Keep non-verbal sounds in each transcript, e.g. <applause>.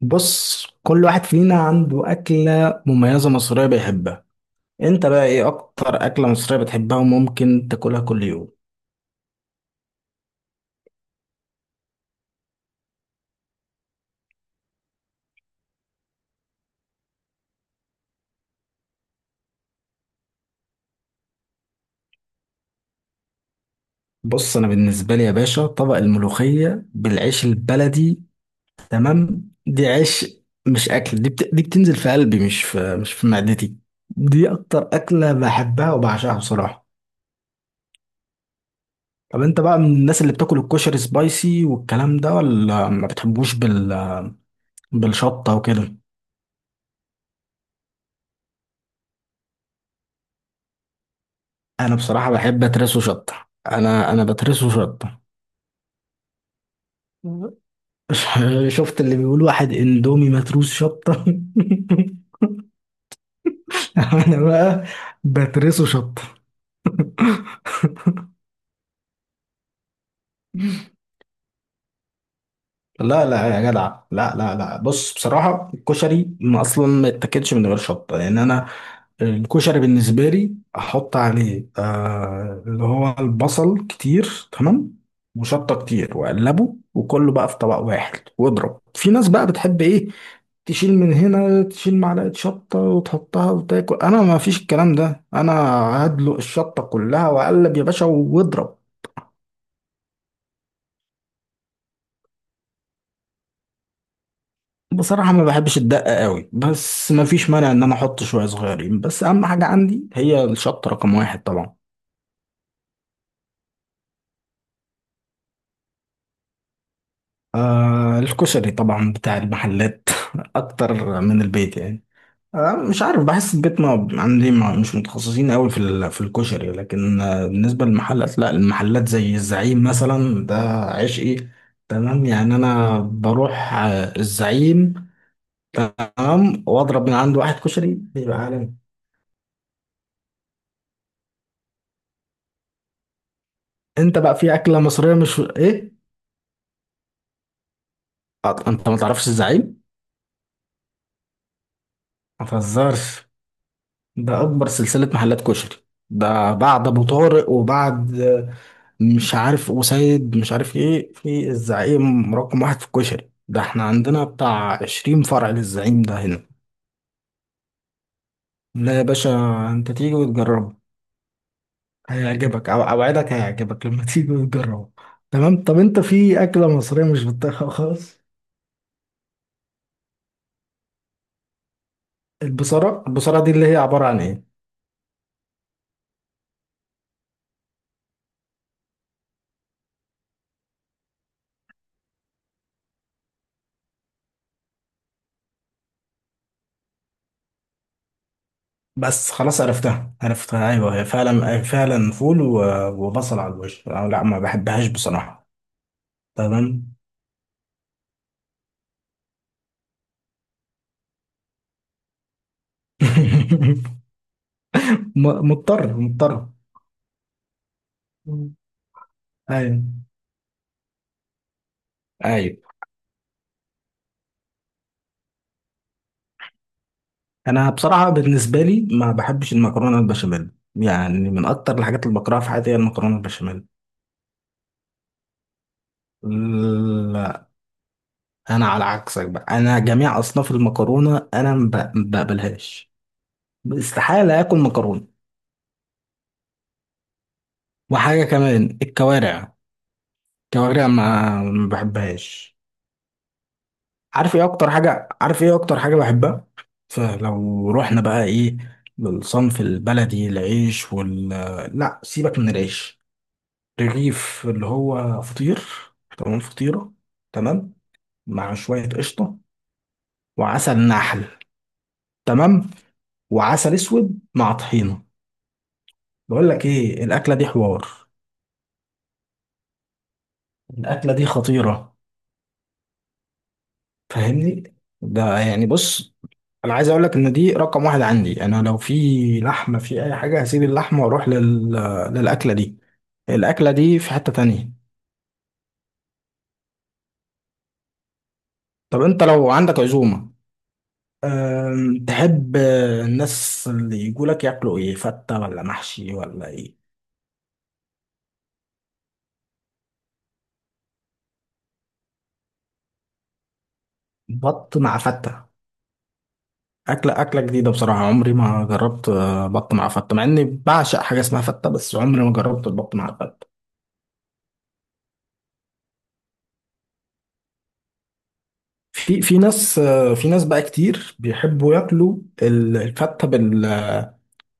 بص، كل واحد فينا عنده أكلة مميزة مصرية بيحبها. انت بقى، ايه اكتر أكلة مصرية بتحبها وممكن تاكلها كل يوم؟ بص، انا بالنسبة لي يا باشا طبق الملوخية بالعيش البلدي. تمام، دي عيش، مش أكل دي, دي بتنزل في قلبي، مش في معدتي. دي اكتر أكلة بحبها وبعشقها بصراحة. طب انت بقى من الناس اللي بتاكل الكشري سبايسي والكلام ده، ولا ما بتحبوش بالشطة وكده؟ انا بصراحه بحب اترسه شطه، انا بترسه شطه. <laughs> شفت اللي بيقول؟ واحد اندومي متروس شطه. <laughs> انا بقى بترسه شطه. لا لا يا جدع، لا لا لا، بص بصراحه، الكشري ما اصلا ما يتاكلش من غير شطه، لان انا الكشري بالنسبه لي احط عليه اللي هو البصل كتير، تمام. وشطه كتير، واقلبه وكله بقى في طبق واحد واضرب. في ناس بقى بتحب ايه، تشيل من هنا، تشيل معلقة شطة وتحطها وتاكل. انا ما فيش الكلام ده، انا هدلق الشطة كلها واقلب يا باشا واضرب. بصراحة ما بحبش الدقة قوي، بس ما فيش مانع ان انا احط شوية صغيرين، بس اهم حاجة عندي هي الشطة رقم واحد طبعا. آه، الكشري طبعا بتاع المحلات <laughs> اكتر من البيت يعني. آه، مش عارف، بحس البيت ما عندي ما مش متخصصين قوي في في الكشري، لكن بالنسبه للمحلات لا، المحلات زي الزعيم مثلا ده عشقي. تمام، يعني انا بروح الزعيم. تمام، واضرب من عنده واحد كشري بيبقى عالمي. انت بقى، في اكله مصريه مش، ايه؟ آه، انت ما تعرفش الزعيم؟ ما تهزرش. ده أكبر سلسلة محلات كشري. ده بعد أبو طارق، وبعد مش عارف، وسيد مش عارف إيه، في الزعيم رقم واحد في الكشري. ده احنا عندنا بتاع 20 فرع للزعيم ده هنا. لا يا باشا، أنت تيجي وتجربه. هيعجبك، أو أوعدك هيعجبك لما <laughs> تيجي وتجربه. تمام. طب أنت، في أكلة مصرية مش بتطيقها خالص؟ البصارة، البصارة دي، اللي هي عبارة عن إيه؟ بس خلاص عرفتها عرفتها. أيوه، هي فعلا فعلا فول وبصل على الوش. أنا لا، ما بحبهاش بصراحة. تمام. <laughs> مضطر مضطر. مم. ايوه، ايوه. انا بصراحه بالنسبه لي ما بحبش المكرونه البشاميل. يعني من اكتر الحاجات اللي بكرهها في حياتي هي المكرونه البشاميل. لا، انا على عكسك بقى، انا جميع اصناف المكرونه انا ما بقبلهاش. استحاله اكل مكرونه. وحاجه كمان، الكوارع. الكوارع ما بحبهاش. عارف ايه اكتر حاجة بحبها؟ فلو رحنا بقى، ايه، للصنف البلدي العيش لا، سيبك من العيش. رغيف اللي هو فطير، تمام، فطيرة. تمام، مع شوية قشطة. وعسل نحل. تمام. وعسل اسود مع طحينة. بقول لك ايه، الاكلة دي حوار. الاكلة دي خطيرة. فاهمني. ده يعني بص، انا عايز اقول لك ان دي رقم واحد عندي. انا لو في لحمه في اي حاجه، هسيب اللحمه واروح للاكله دي. الاكله دي في حته تانية. طب انت لو عندك عزومه، تحب الناس اللي يجوا لك ياكلوا ايه، فته ولا محشي ولا ايه؟ بط مع فته. اكله جديده بصراحه، عمري ما جربت بط مع فته، مع اني بعشق حاجه اسمها فته، بس عمري ما جربت البط مع الفته. في في ناس في ناس بقى كتير بيحبوا ياكلوا الفتة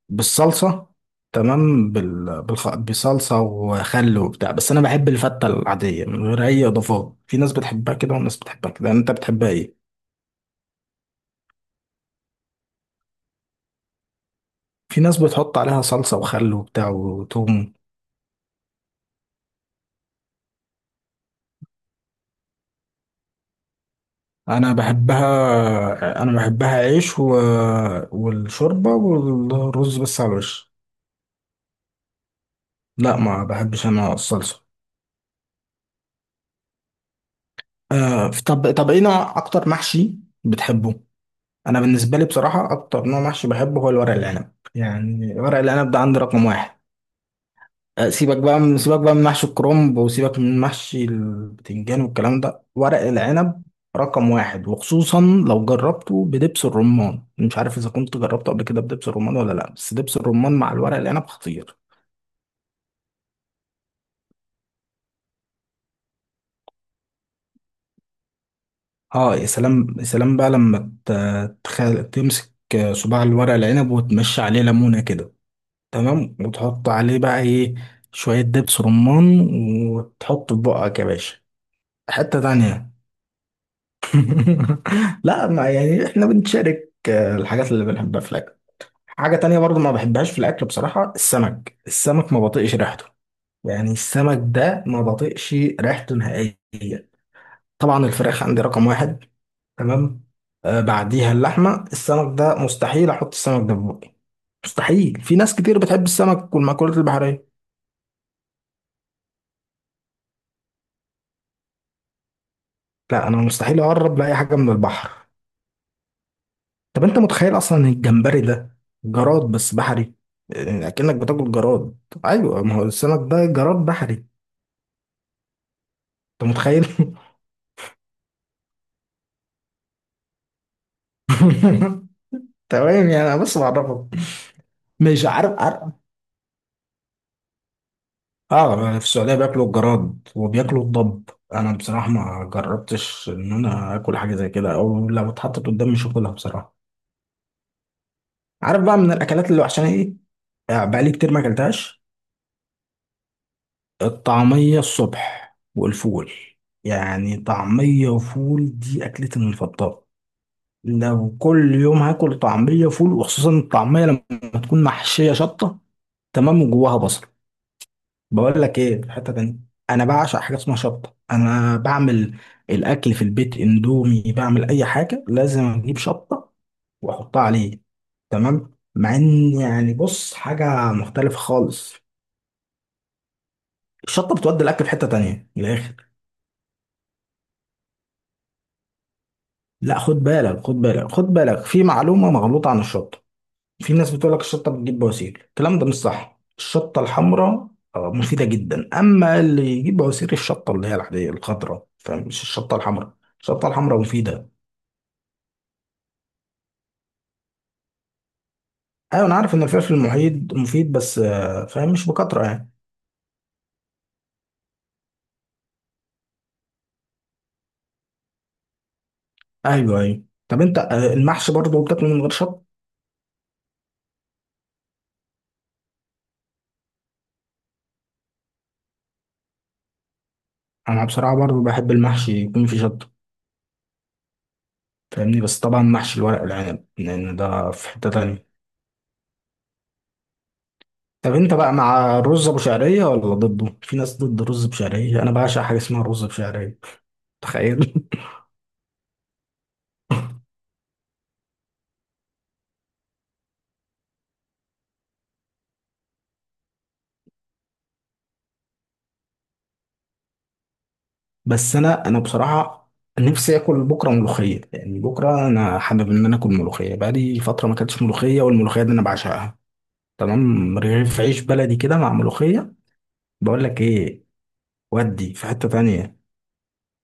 بالصلصة. تمام، بصلصة وخل وبتاع، بس أنا بحب الفتة العادية من غير أي إضافات. في ناس بتحبها كده وناس بتحبها كده، أنت بتحبها إيه؟ في ناس بتحط عليها صلصة وخل وبتاع وتوم. أنا بحبها عيش والشوربة والرز بس على الوش. لا، ما بحبش أنا الصلصة. آه، طب إيه نوع أكتر محشي بتحبه؟ انا بالنسبه لي بصراحه، اكتر نوع محشي بحبه هو الورق العنب، يعني ورق العنب ده عندي رقم واحد. أه، سيبك بقى من محشي الكرنب، وسيبك من محشي البتنجان والكلام ده، ورق العنب رقم واحد. وخصوصا لو جربته بدبس الرمان، مش عارف اذا كنت جربته قبل كده بدبس الرمان ولا لا، بس دبس الرمان مع الورق العنب خطير. اه يا سلام، يا سلام بقى لما تمسك صباع الورق العنب وتمشي عليه ليمونه كده، تمام، وتحط عليه بقى ايه، شوية دبس رمان، وتحط في بقك يا باشا. حتة تانية. <laughs> لا ما، يعني احنا بنشارك الحاجات اللي بنحبها في الأكل. حاجة تانية برضو ما بحبهاش في الأكل بصراحة، السمك. السمك ما بطيقش ريحته. يعني السمك ده ما بطيقش ريحته نهائيا. طبعا الفراخ عندي رقم واحد، تمام. آه، بعديها اللحمة. السمك ده مستحيل أحط السمك ده في بقي، مستحيل. في ناس كتير بتحب السمك والمأكولات البحرية. لا، انا مستحيل اقرب لاي حاجه من البحر. طب انت متخيل اصلا إن الجمبري ده جراد بس بحري؟ يعني اكنك بتاكل جراد. ايوه، ما هو السمك ده جراد بحري. انت متخيل؟ <laughs> تمام، يعني انا بس بعرفك. مش عارف، عارف. اه، في السعوديه بياكلوا الجراد وبياكلوا الضب. انا بصراحه ما جربتش ان انا اكل حاجه زي كده، او لو اتحطت قدامي مش هاكلها بصراحه. عارف بقى من الاكلات اللي وحشاني ايه؟ آه، بقالي كتير ما اكلتهاش. الطعمية الصبح والفول. يعني طعمية وفول دي أكلتي المفضلة. لو كل يوم هاكل طعمية وفول، وخصوصا الطعمية لما تكون محشية شطة، تمام، وجواها بصل. بقول لك ايه؟ في حتة تانية. انا بعشق حاجة اسمها شطة. انا بعمل الاكل في البيت اندومي، بعمل اي حاجة لازم اجيب شطة واحطها عليه. تمام، مع ان يعني بص، حاجة مختلفة خالص. الشطة بتودي الاكل في حتة تانية من الاخر. لا، خد بالك خد بالك خد بالك، في معلومة مغلوطة عن الشطة. في ناس بتقول لك الشطة بتجيب بواسير، الكلام ده مش صح. الشطة الحمراء مفيدة جدا. أما اللي يجيب بواسير الشطة اللي هي العادية الخضراء، فمش الشطة الحمراء. الشطة الحمراء مفيدة. أيوة، أنا عارف إن الفلفل المحيط مفيد، بس فاهم مش بكترة يعني. أيوة، أيوة. طب أنت المحشي برضه بتاكله من غير شطة؟ أنا بصراحة برضه بحب المحشي يكون فيه شطة. فاهمني. بس طبعا محشي الورق العنب، لأن ده في حتة تانية. طب انت بقى، مع الرز ابو شعريه ولا ضده؟ في ناس ضد الرز بشعريه. انا بعشق حاجه اسمها رز بشعريه. تخيل. <laughs> بس انا بصراحه، نفسي اكل بكره ملوخيه، يعني بكره انا حابب ان انا اكل ملوخيه. بقالي فتره ما اكلتش ملوخيه، والملوخيه دي انا بعشقها. تمام، رغيف عيش بلدي كده مع ملوخيه. بقول لك ايه، ودي في حته تانية.